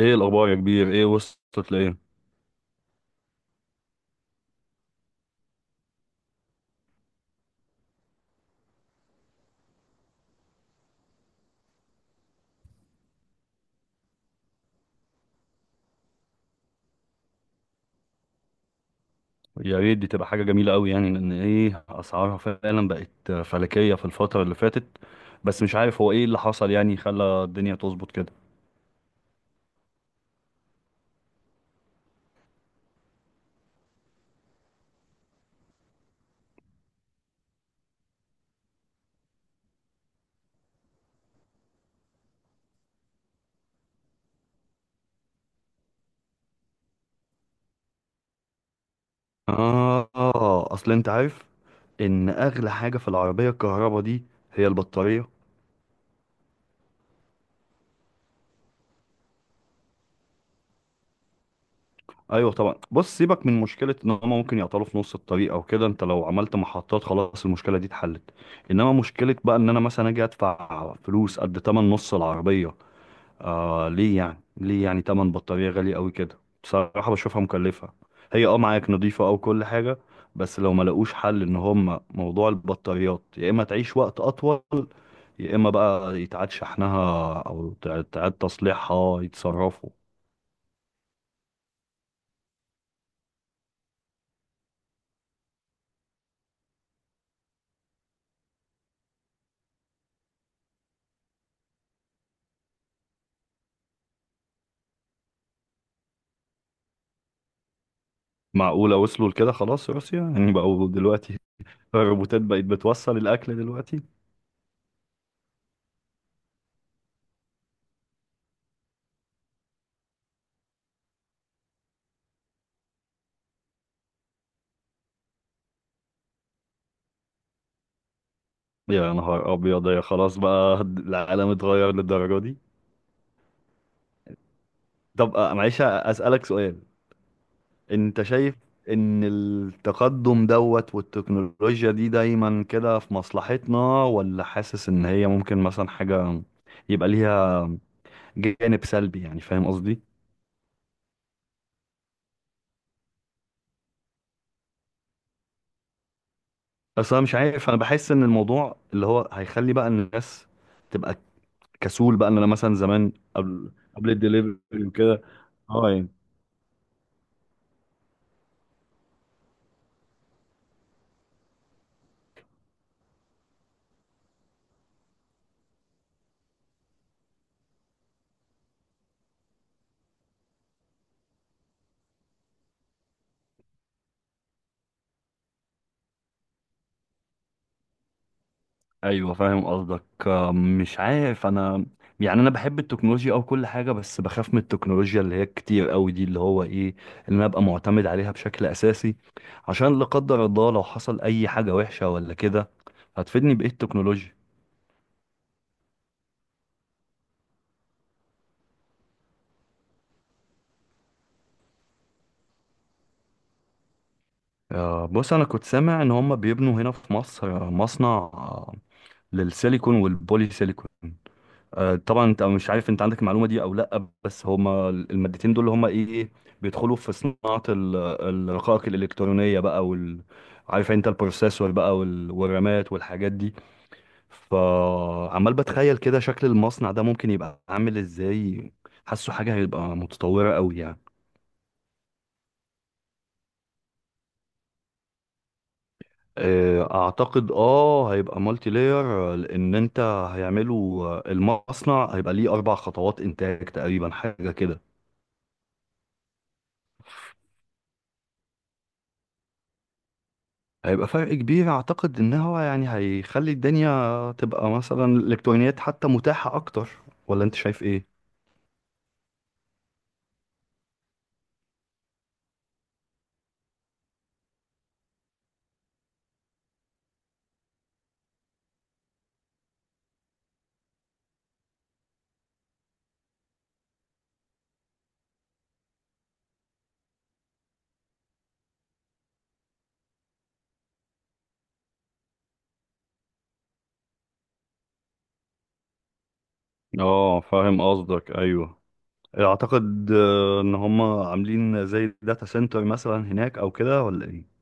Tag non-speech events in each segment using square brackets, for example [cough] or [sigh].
ايه الاخبار يا كبير؟ ايه وصلت لايه؟ يا ريت دي تبقى حاجه جميله قوي، يعني لان ايه اسعارها فعلا بقت فلكيه في الفتره اللي فاتت. بس مش عارف هو ايه اللي حصل يعني خلى الدنيا تظبط كده. اه. اصل انت عارف ان اغلى حاجه في العربيه الكهرباء دي هي البطاريه. ايوه طبعا، بص سيبك من مشكله ان هم ممكن يعطلوا في نص الطريق او كده، انت لو عملت محطات خلاص المشكله دي اتحلت. انما مشكله بقى ان انا مثلا اجي ادفع فلوس قد تمن نص العربيه. آه، ليه يعني تمن بطارية غالي قوي كده، بصراحة بشوفها مكلفة. هي معاك نظيفة او كل حاجة، بس لو ما لقوش حل ان هم موضوع البطاريات يا اما تعيش وقت اطول يا اما بقى يتعاد شحنها او تعاد تصليحها يتصرفوا. معقولة وصلوا لكده؟ خلاص روسيا يعني بقوا دلوقتي؟ [laughs] الروبوتات بقت بتوصل الاكل دلوقتي؟ يا نهار ابيض، يا خلاص بقى العالم اتغير للدرجة دي. طب معلش اسألك سؤال. انت شايف ان التقدم دوت والتكنولوجيا دي دايما كده في مصلحتنا، ولا حاسس ان هي ممكن مثلا حاجة يبقى ليها جانب سلبي؟ يعني فاهم قصدي؟ بس انا مش عارف، انا بحس ان الموضوع اللي هو هيخلي بقى الناس تبقى كسول، بقى ان انا مثلا زمان قبل الدليفري وكده اه يعني. ايوه فاهم قصدك. مش عارف انا يعني، انا بحب التكنولوجيا او كل حاجه، بس بخاف من التكنولوجيا اللي هي كتير قوي دي، اللي هو ايه، اللي انا ابقى معتمد عليها بشكل اساسي. عشان لا قدر الله لو حصل اي حاجه وحشه ولا كده، هتفيدني بايه التكنولوجيا؟ بص انا كنت سامع ان هم بيبنوا هنا في مصر مصنع، للسيليكون والبولي سيليكون. طبعا انت مش عارف انت عندك المعلومه دي او لا، بس هما المادتين دول هما ايه إيه، بيدخلوا في صناعه الرقائق الالكترونيه بقى، وال عارف انت البروسيسور بقى والرامات والحاجات دي. فعمال بتخيل كده شكل المصنع ده ممكن يبقى عامل ازاي، حاسه حاجه هيبقى متطوره قوي يعني. اعتقد هيبقى مالتي لاير، لان انت هيعملوا المصنع هيبقى ليه 4 خطوات انتاج تقريبا، حاجه كده. هيبقى فرق كبير. اعتقد ان هو يعني هيخلي الدنيا تبقى مثلا الالكترونيات حتى متاحة اكتر. ولا انت شايف ايه؟ اه فاهم قصدك، ايوه. اعتقد ان هم عاملين زي داتا سنتر مثلا هناك او كده، ولا ايه؟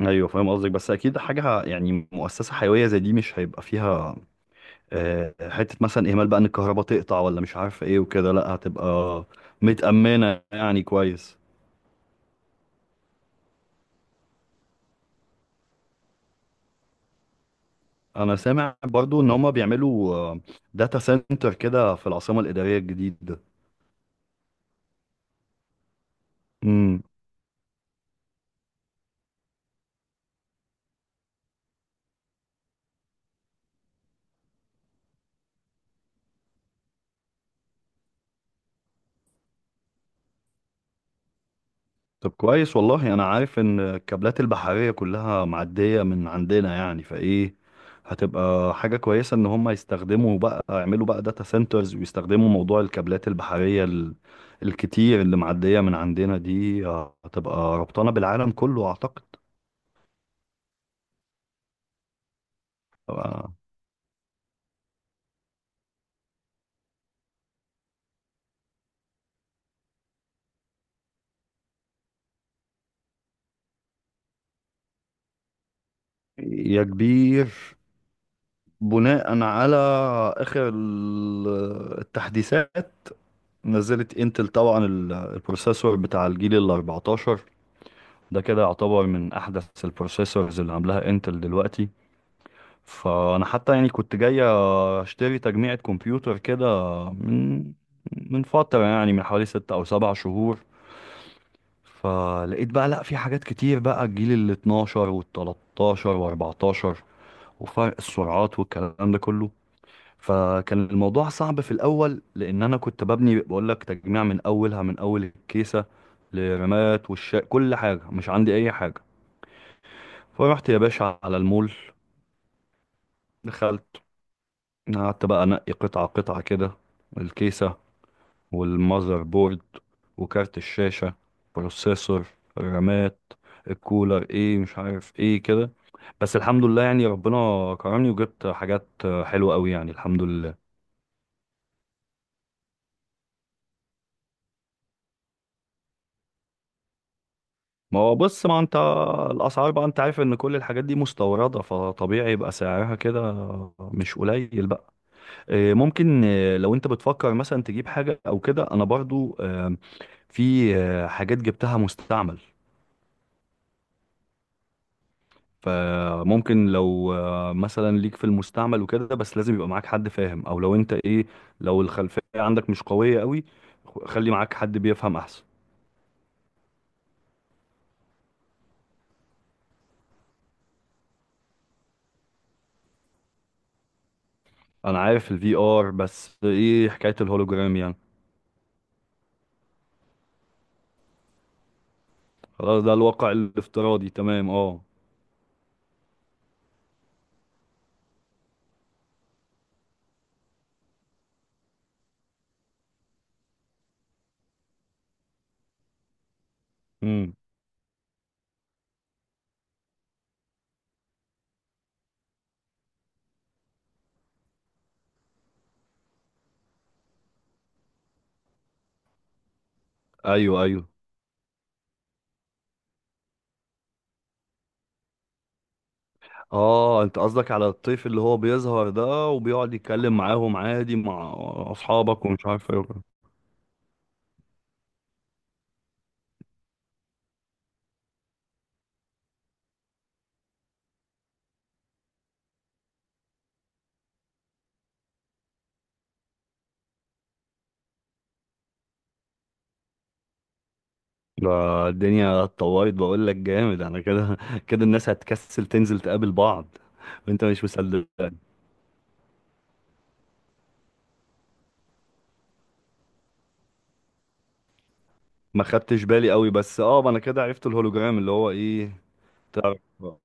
ايوه فاهم قصدك، بس اكيد حاجه يعني مؤسسه حيويه زي دي مش هيبقى فيها حته مثلا اهمال بقى ان الكهرباء تقطع، ولا مش عارف ايه وكده، لا هتبقى متامنه يعني كويس. انا سامع برضو ان هما بيعملوا داتا سنتر كده في العاصمة الإدارية الجديدة. امم. طب كويس والله. انا عارف ان الكابلات البحرية كلها معدية من عندنا، يعني فايه هتبقى حاجة كويسة ان هما يستخدموا بقى، يعملوا بقى داتا سنترز، ويستخدموا موضوع الكابلات البحرية الكتير اللي معدية من عندنا دي. هتبقى ربطانة بالعالم كله اعتقد. آه، يا كبير، بناء على اخر التحديثات، نزلت انتل طبعا البروسيسور بتاع الجيل ال 14. ده كده يعتبر من احدث البروسيسورز اللي عاملاها انتل دلوقتي. فانا حتى يعني كنت جاي اشتري تجميعة كمبيوتر كده، من من فترة يعني، من حوالي 6 او 7 شهور. فلقيت بقى لا، في حاجات كتير بقى، الجيل ال 12 وال 13 و 14، وفرق السرعات والكلام ده كله. فكان الموضوع صعب في الاول، لان انا كنت ببني بقول لك تجميع من اولها، من اول الكيسه لرمات والشا، كل حاجه مش عندي اي حاجه. فرحت يا باشا على المول، دخلت، قعدت بقى انقي قطعه قطعه كده: الكيسه، والمذر بورد، وكارت الشاشه، بروسيسور، الرامات، الكولر، ايه مش عارف ايه كده. بس الحمد لله، يعني ربنا كرمني وجبت حاجات حلوه قوي يعني، الحمد لله. ما هو بص، ما انت الاسعار بقى انت عارف ان كل الحاجات دي مستورده، فطبيعي يبقى سعرها كده مش قليل بقى. ممكن لو انت بتفكر مثلا تجيب حاجه او كده، انا برضو في حاجات جبتها مستعمل. فممكن لو مثلا ليك في المستعمل وكده، بس لازم يبقى معاك حد فاهم، او لو انت لو الخلفيه عندك مش قويه قوي، خلي معاك حد بيفهم احسن. انا عارف الفي ار، بس ايه حكايه الهولوجرام يعني؟ خلاص ده الواقع الافتراضي، تمام، اه. امم. ايوه، ايوه. اه انت قصدك على الطيف اللي هو بيظهر ده، وبيقعد يتكلم معاهم عادي مع اصحابك ومش عارف ايه وكده. ده الدنيا اتطورت، بقول لك جامد انا كده، كده الناس هتكسل تنزل تقابل بعض. وانت مش مصدق. ما خدتش بالي قوي، بس اه ما انا كده عرفت الهولوجرام اللي هو ايه. تعرف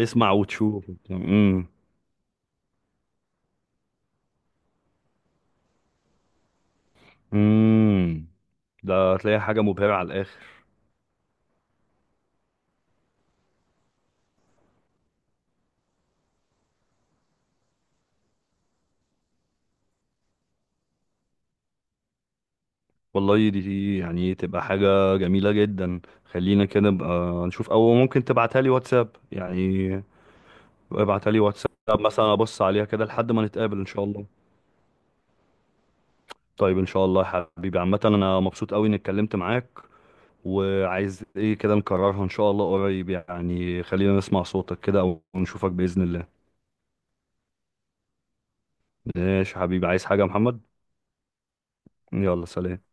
اسمع وتشوف. امم. امم. ده هتلاقي حاجة مبهرة على الاخر. والله دي يعني تبقى حاجة جميلة جدا، خلينا كده نبقى نشوف، أو ممكن تبعتها لي واتساب يعني. ابعتها لي واتساب، مثلا أبص عليها كده لحد ما نتقابل إن شاء الله. طيب إن شاء الله يا حبيبي، عامة أنا مبسوط أوي إني اتكلمت معاك، وعايز إيه كده نكررها إن شاء الله قريب، يعني خلينا نسمع صوتك كده أو نشوفك بإذن الله. ماشي يا حبيبي، عايز حاجة يا محمد؟ يلا سلام.